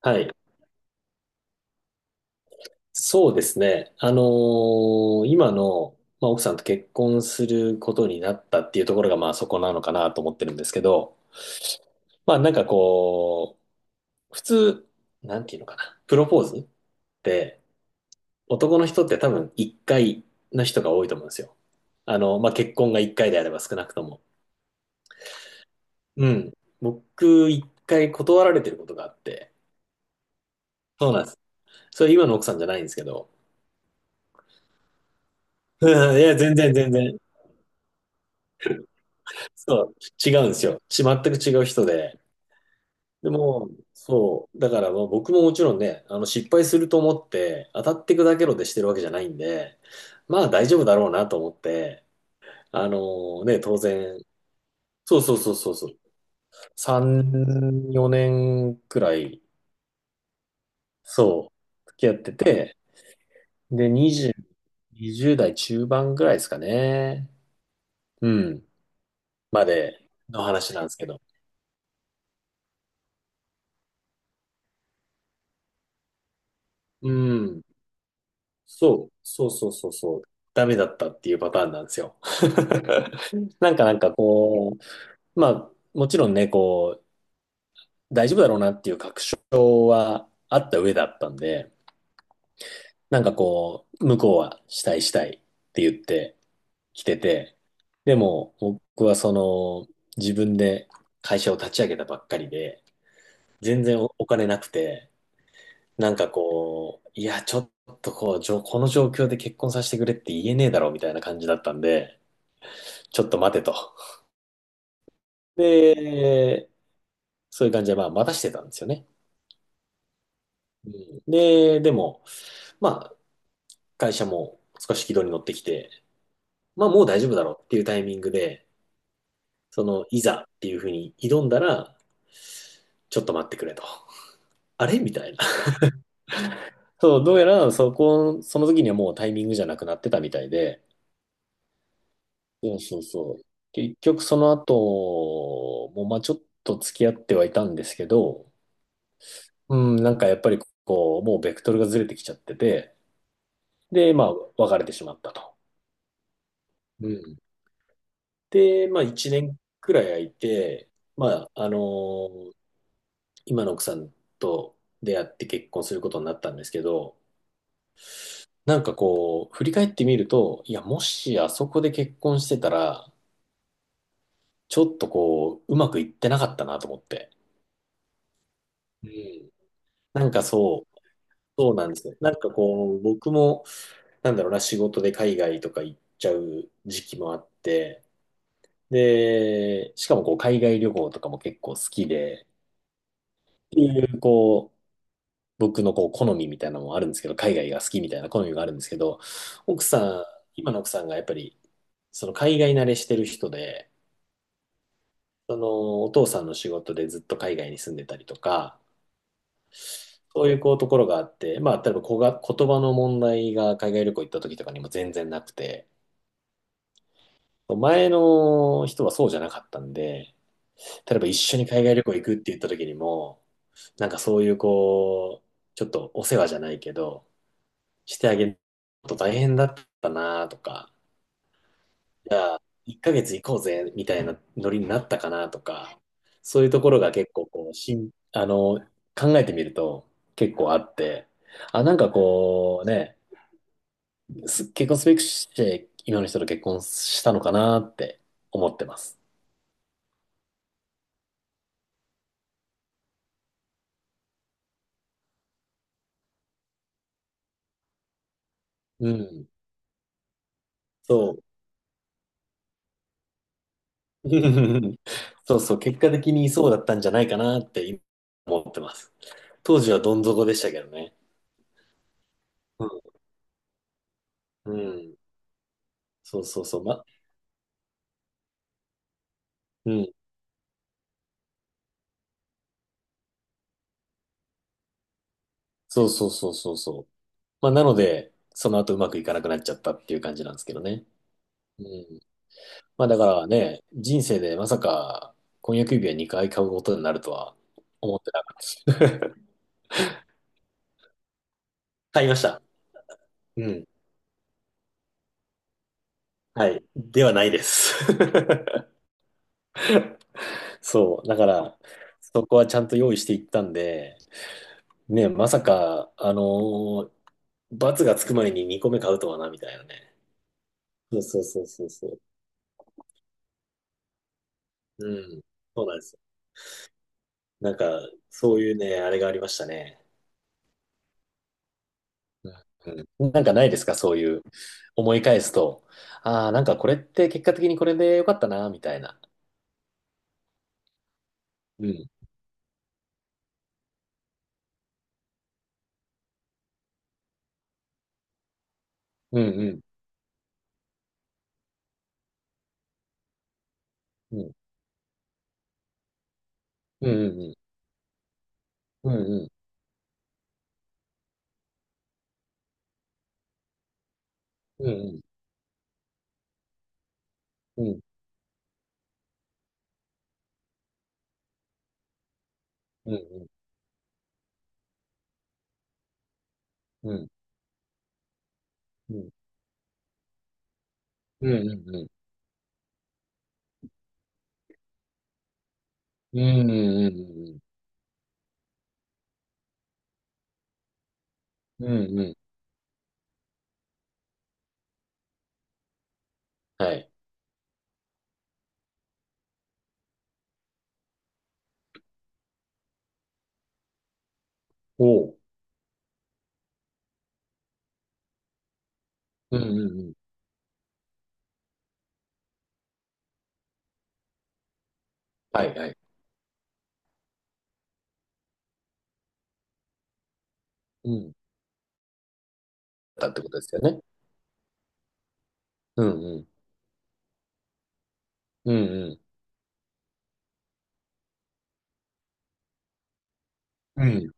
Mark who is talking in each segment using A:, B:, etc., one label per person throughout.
A: はい。そうですね。あのー今の、まあ、奥さんと結婚することになったっていうところが、まあ、そこなのかなと思ってるんですけど、まあ、普通、なんていうのかな。プロポーズって男の人って多分1回の人が多いと思うんですよ。あの、まあ、結婚が1回であれば少なくとも。うん。僕、1回断られてることがあって。そうなんです。それ今の奥さんじゃないんですけど。うんいや、全然。そう、違うんですよ。全く違う人で。でも、そう、だからまあ僕ももちろんね、あの失敗すると思って、当たってくだけろでしてるわけじゃないんで、まあ大丈夫だろうなと思って、あのーね、当然、そうそうそうそうそう、3、4年くらい、そう、付き合ってて、で、20、20代中盤ぐらいですかね、うん、までの話なんですけど。うん。そう、そうそうそうそう、ダメだったっていうパターンなんですよ。なんかなんかこまあ、もちろんね、こう、大丈夫だろうなっていう確証はあった上だったんで、なんかこう、向こうはしたいしたいって言ってきてて、でも僕はその、自分で会社を立ち上げたばっかりで、全然お金なくて、なんかこう、いや、ちょっとこう、この状況で結婚させてくれって言えねえだろうみたいな感じだったんで、ちょっと待てと。で、そういう感じで、まあ、待たしてたんですよね。うん。で、でも、まあ、会社も少し軌道に乗ってきて、まあ、もう大丈夫だろうっていうタイミングで、その、いざっていうふうに挑んだら、ちょっと待ってくれと。あれみたいな。そう、どうやら、その時にはもうタイミングじゃなくなってたみたいで、そうそうそう。結局、その後も、まあ、ちょっと付き合ってはいたんですけど、うん、なんかやっぱり、こう、もうベクトルがずれてきちゃってて、で、まあ、別れてしまったと。うん。で、まあ一年くらい空いて、まああのー今の奥さんと出会って結婚することになったんですけど、なんかこう、振り返ってみると、いや、もしあそこで結婚してたら、ちょっとこう、うまくいってなかったなと思って。うん。なんかそう、そうなんですよ。なんかこう、僕も、なんだろうな、仕事で海外とか行っちゃう時期もあって、で、しかもこう、海外旅行とかも結構好きで、っていう、僕のこう好みみたいなのもあるんですけど、海外が好きみたいな好みがあるんですけど、奥さん、今の奥さんがやっぱり、その海外慣れしてる人で、そのお父さんの仕事でずっと海外に住んでたりとか、そういうこうところがあって、まあ、例えば言葉の問題が海外旅行行った時とかにも全然なくて、前の人はそうじゃなかったんで、例えば一緒に海外旅行行くって言った時にも、なんかそういうこう、ちょっとお世話じゃないけど、してあげると大変だったなとか、じゃあ、1ヶ月行こうぜみたいなノリになったかなとか、そういうところが結構こう、しん、あの、考えてみると結構あって、あ、なんかこうね、結婚すべくして今の人と結婚したのかなって思ってます。うん、そう。そうそう、結果的にそうだったんじゃないかなって今思ってます。当時はどん底でしたけどね。うん、うん、そうそうそう、ま、うん。そうそうそうそうそう。まあ、なので、その後うまくいかなくなっちゃったっていう感じなんですけどね。うん。まあ、だからね、人生でまさか婚約指輪2回買うことになるとは思ってなかった。買いました。うん。はい。ではないです。そう。だから、そこはちゃんと用意していったんで、ね、まさか、あのー罰がつく前に2個目買うとはな、みたいなね。そうそうそうそうそう。うん。そうなんですよ。なんか、そういうね、あれがありましたね。うん。なんかないですかそういう思い返すと、ああ、なんかこれって結果的にこれでよかったな、みたいな。うん。うんうん。うん。うんうんうん。うんうん。うんうんうんうん。うんうんうん。うんうんうん。うんうん。うんはい。おう。うんうんうん。はいはい。うん。だってことですよね。うんうん。うんうん。うん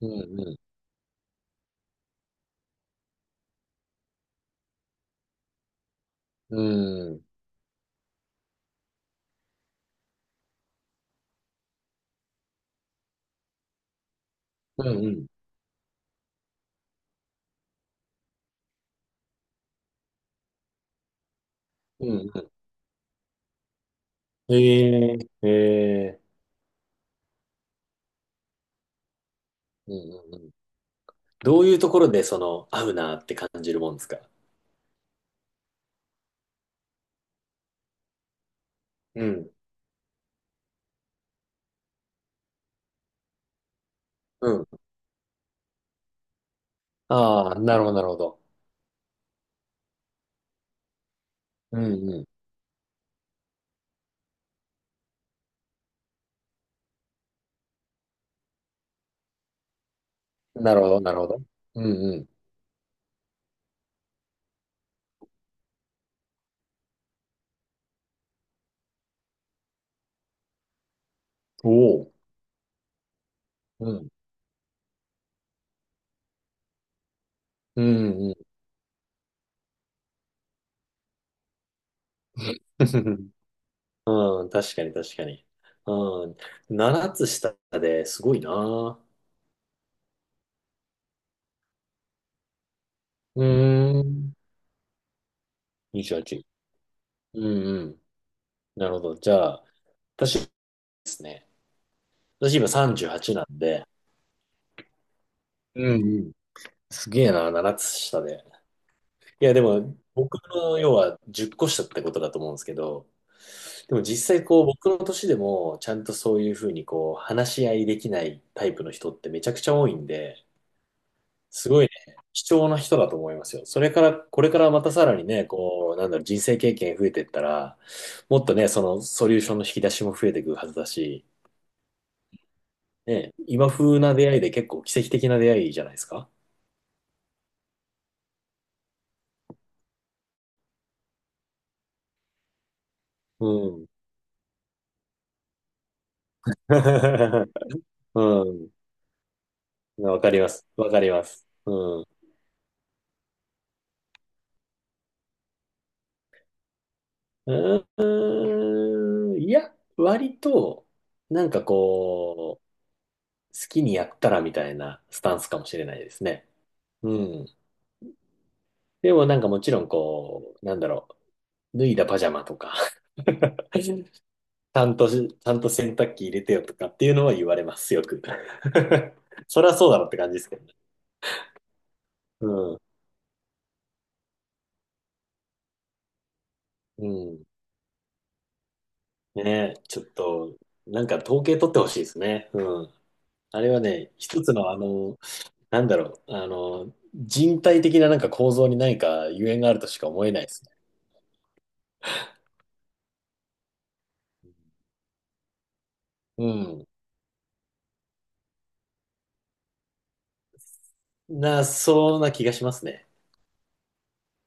A: うん。うんうん。うんうん。うんうん。ええ。ええ。うんうん。どういうところでその、合うなって感じるもんですか。うん。うん。ああ、なるほど、なるほど。うんうん。なるほど、なるほど。うんうん。おお。うん。うんうん。うん、確かに確かに。うん。7つ下ですごいな。うーん。28。うんうん。なるほど。じゃあ、私ですね。私今38なんで、うんうん。すげえな、7つ下で。いや、でも、僕の要は10個下ってことだと思うんですけど、でも実際こう僕の年でもちゃんとそういうふうにこう話し合いできないタイプの人ってめちゃくちゃ多いんで、すごいね、貴重な人だと思いますよ。それから、これからまたさらにね、こう、なんだろう、人生経験増えてったら、もっとね、そのソリューションの引き出しも増えていくはずだし、ね、今風な出会いで結構奇跡的な出会いじゃないですか。うん。うん。わかります。わかります。うん。うーん、いや、割と、なんかこう、好きにやったらみたいなスタンスかもしれないですね。うん。でもなんかもちろんこう、なんだろう、脱いだパジャマとか、ちちゃんと洗濯機入れてよとかっていうのは言われます、よく。そりゃそうだろって感じですけどね。うん。うん。ねえ、ちょっと、なんか統計取ってほしいですね。うん。あれはね、一つのあの、なんだろう、あの、人体的ななんか構造に何かゆえんがあるとしか思えないですね。うん。そうな気がしますね。